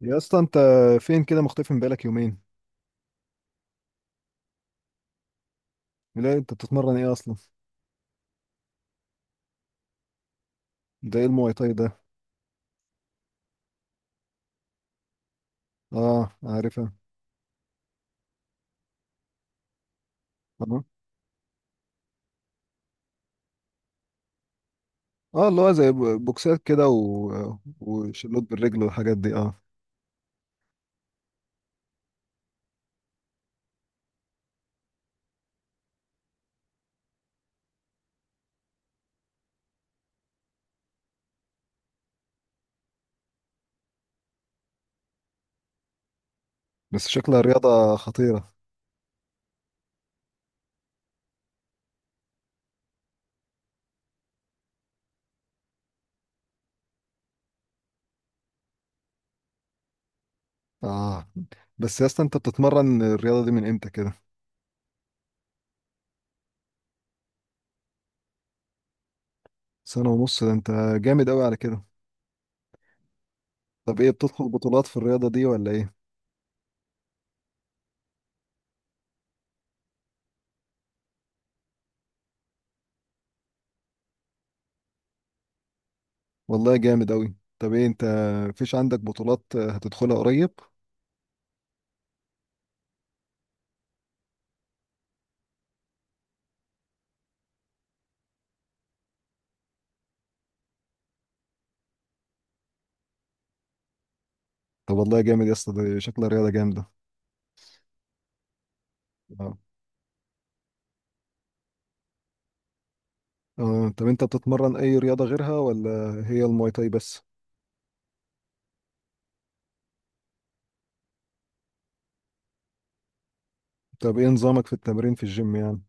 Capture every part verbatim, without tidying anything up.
يا اسطى انت فين كده مختفي من بقالك يومين؟ لا انت بتتمرن ايه اصلا؟ ده ايه المواي تاي ده؟ اه عارفها. اه اه اللي هو زي ب- بوكسات كده و... وشلوت بالرجل والحاجات دي اه. بس شكلها رياضة خطيرة. اه بس يا اسطى انت بتتمرن الرياضة دي من امتى كده؟ سنة ونص ده انت جامد قوي على كده. طب ايه، بتدخل بطولات في الرياضة دي ولا ايه؟ والله جامد قوي. طب ايه انت، مفيش عندك بطولات هتدخلها قريب؟ طب والله جامد يا اسطى، دي شكلها رياضة جامدة. آه. اه طب انت بتتمرن اي رياضة غيرها ولا هي الماي تاي بس؟ طب ايه نظامك في التمرين في الجيم يعني؟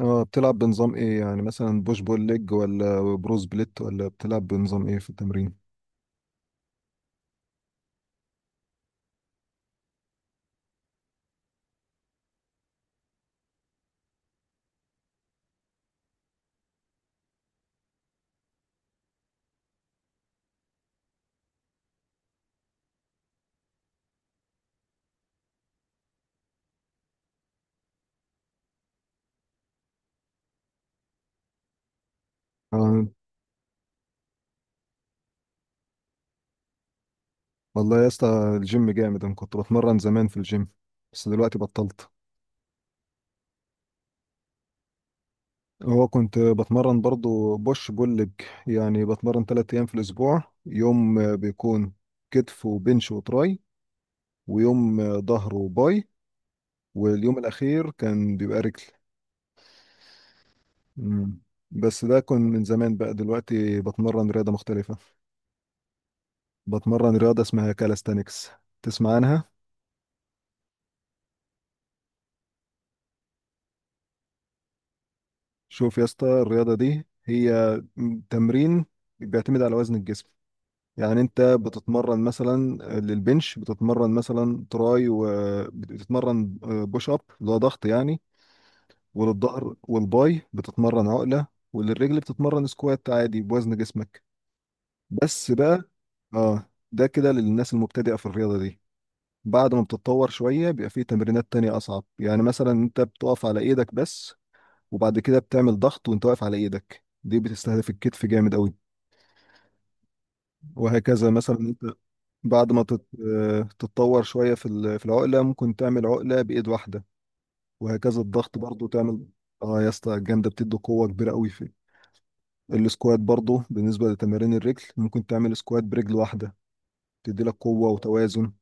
اه بتلعب بنظام ايه يعني، مثلا بوش بول ليج ولا بروز بليت ولا بتلعب بنظام ايه في التمرين؟ اه والله يا اسطى الجيم جامد، انا كنت بتمرن زمان في الجيم بس دلوقتي بطلت. هو كنت بتمرن برضو بوش بول ليج، يعني بتمرن تلات ايام في الاسبوع. يوم آه، بيكون كتف وبنش وتراي، ويوم آه، ظهر وباي، واليوم الاخير كان بيبقى رجل. مم. بس ده كان من زمان، بقى دلوقتي بتمرن رياضة مختلفة. بتمرن رياضة اسمها كالستانكس، تسمع عنها؟ شوف يا اسطى الرياضة دي هي تمرين بيعتمد على وزن الجسم. يعني انت بتتمرن مثلا للبنش، بتتمرن مثلا تراي وبتتمرن بوش اب اللي هو ضغط يعني، وللظهر والباي بتتمرن عقلة، وللرجل بتتمرن سكوات عادي بوزن جسمك. بس بقى اه ده كده للناس المبتدئة في الرياضة دي. بعد ما بتتطور شوية بيبقى فيه تمرينات تانية أصعب. يعني مثلا أنت بتقف على إيدك بس، وبعد كده بتعمل ضغط وأنت واقف على إيدك. دي بتستهدف الكتف جامد أوي. وهكذا، مثلا أنت بعد ما تت- آه، تتطور شوية في ال- في العقلة ممكن تعمل عقلة بإيد واحدة، وهكذا الضغط برضو تعمل. آه يا اسطى الجامدة، بتدي قوة كبيرة أوي في السكوات. برضو بالنسبة لتمارين الرجل ممكن تعمل سكوات برجل واحدة، تدي لك قوة وتوازن.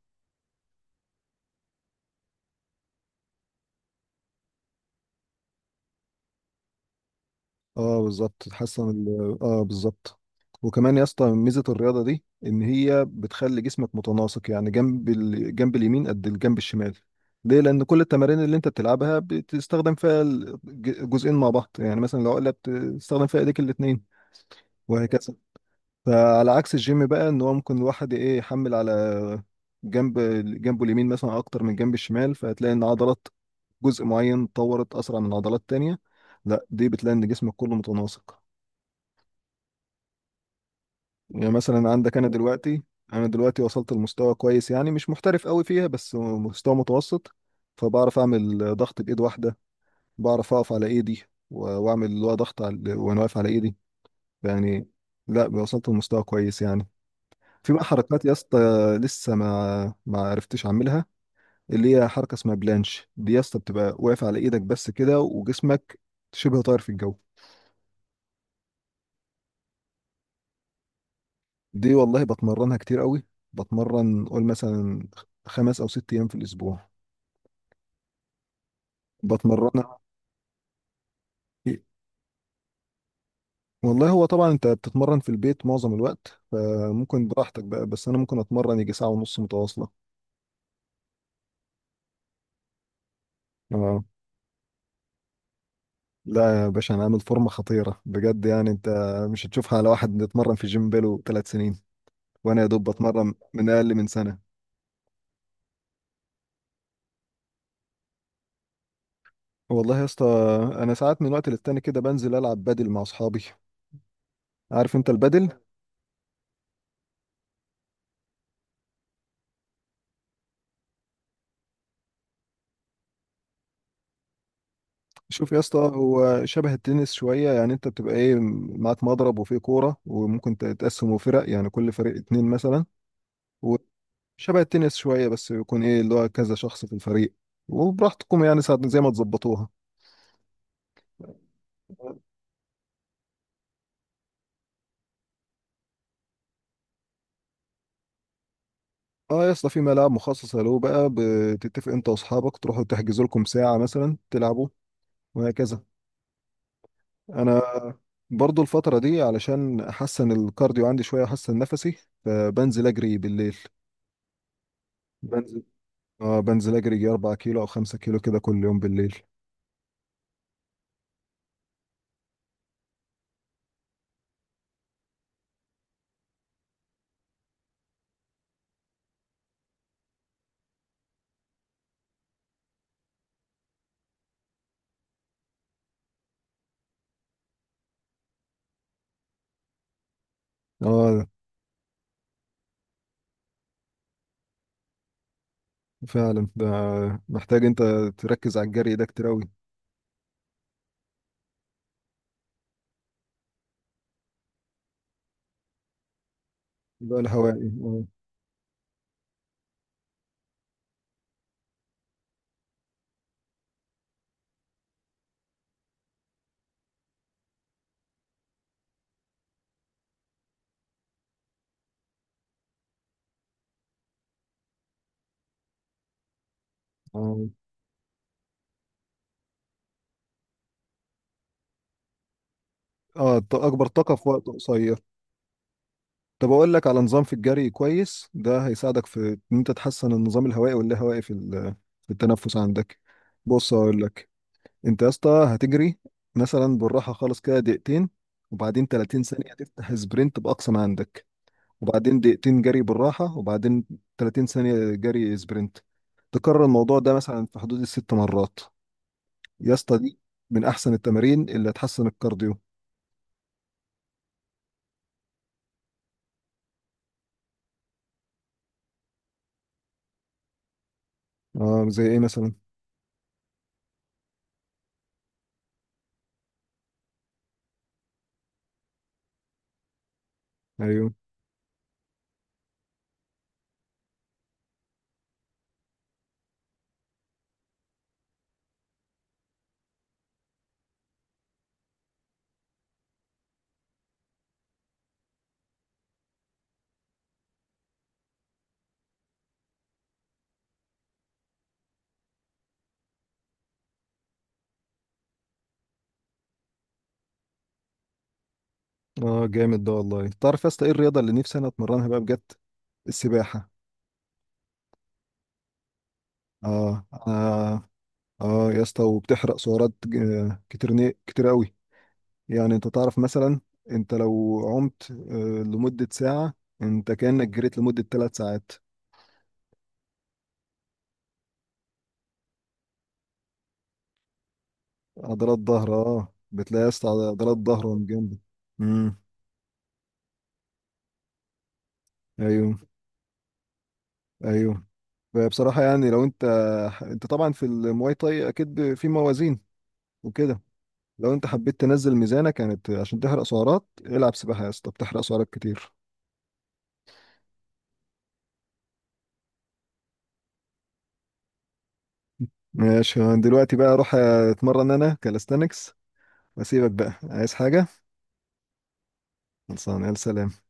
اه بالظبط، تحسن ال... اه بالظبط. وكمان يا اسطى ميزه الرياضه دي ان هي بتخلي جسمك متناسق، يعني جنب الجنب اليمين قد الجنب الشمال. ليه؟ لان كل التمارين اللي انت بتلعبها بتستخدم فيها الجزئين مع بعض، يعني مثلا لو قلت بتستخدم فيها ايديك الاثنين، وهكذا. فعلى عكس الجيم بقى، ان هو ممكن الواحد ايه، يحمل على جنب جنبه اليمين مثلا اكتر من جنب الشمال، فهتلاقي ان عضلات جزء معين اتطورت اسرع من عضلات تانية. لا دي بتلاقي ان جسمك كله متناسق. يعني مثلا عندك انا دلوقتي انا دلوقتي وصلت لمستوى كويس، يعني مش محترف قوي فيها بس مستوى متوسط. فبعرف اعمل ضغط بايد واحده، بعرف اقف على ايدي و- واعمل اللي هو ضغط على وانا واقف على ايدي، يعني. لا وصلت لمستوى كويس يعني. في بقى حركات يا اسطى لسه ما ما عرفتش اعملها، اللي هي حركه اسمها بلانش. دي يا اسطى بتبقى واقف على ايدك بس كده وجسمك شبه طاير في الجو. دي والله بتمرنها كتير قوي، بتمرن قول مثلا خمس او ست ايام في الاسبوع بتمرنها. والله هو طبعا انت بتتمرن في البيت معظم الوقت، فممكن براحتك بقى، بس انا ممكن اتمرن يجي ساعة ونص متواصلة. اه لا يا باشا انا عامل فورمة خطيرة بجد، يعني انت مش هتشوفها على واحد بيتمرن في جيم بقاله ثلاث سنين، وانا يا دوب بتمرن من اقل من سنة. والله يا اسطى، انا ساعات من وقت للتاني كده بنزل العب بادل مع اصحابي. عارف انت البادل؟ شوف يا اسطى، هو شبه التنس شويه، يعني انت بتبقى ايه، معاك مضرب وفيه كوره، وممكن تقسمه فرق يعني كل فريق اتنين مثلا. شبه التنس شوية، بس يكون ايه اللي هو كذا شخص في الفريق، وبراحتكم يعني ساعة زي ما تظبطوها. اه يا اسطى في ملاعب مخصصة له بقى، بتتفق انت واصحابك تروحوا تحجزوا لكم ساعة مثلا تلعبوا، وهكذا. انا برضو الفترة دي علشان احسن الكارديو عندي شوية، احسن نفسي، فبنزل اجري بالليل. بنزل اه بنزل اجري يجي اربعة كيلو او خمسة كيلو كده كل يوم بالليل. اه فعلا ده، محتاج انت تركز على الجري ده كتير اوي. ده الهوائي. اه اه ط- اكبر طاقه في وقت قصير. طب اقول لك على نظام في الجري كويس، ده هيساعدك في ان انت تحسن النظام الهوائي واللاهوائي في ال- في التنفس عندك. بص اقول لك، انت يا اسطى هتجري مثلا بالراحه خالص كده دقيقتين، وبعدين تلاتين ثانية ثانيه تفتح سبرنت باقصى ما عندك، وبعدين دقيقتين جري بالراحه، وبعدين تلاتين ثانية ثانيه جري سبرنت. تكرر الموضوع ده مثلا في حدود الست مرات يا اسطى. دي من احسن التمارين اللي هتحسن الكارديو. اه زي ايه مثلا؟ ايوه اه جامد ده والله. تعرف يا اسطى ايه الرياضه اللي نفسي انا اتمرنها بقى بجد؟ السباحه. اه انا اه يا اسطى، وبتحرق سعرات ج- آه، كتير ن- كتير قوي. يعني انت تعرف مثلا، انت لو عمت آه، لمده ساعه، انت كانك جريت لمده ثلاث ساعات. عضلات ظهر، اه بتلاقي يا اسطى عضلات ظهرهم جامده. امم. ايوه. ايوه فبصراحه يعني لو انت، انت طبعا في المواي تاي اكيد في موازين وكده، لو انت حبيت تنزل ميزانك يعني ت- عشان تحرق سعرات العب سباحة يا اسطى، بتحرق سعرات كتير. ماشي، أنا دلوقتي بقى اروح اتمرن انا كالستانكس، واسيبك بقى. عايز حاجة؟ خلصان، يلا سلام.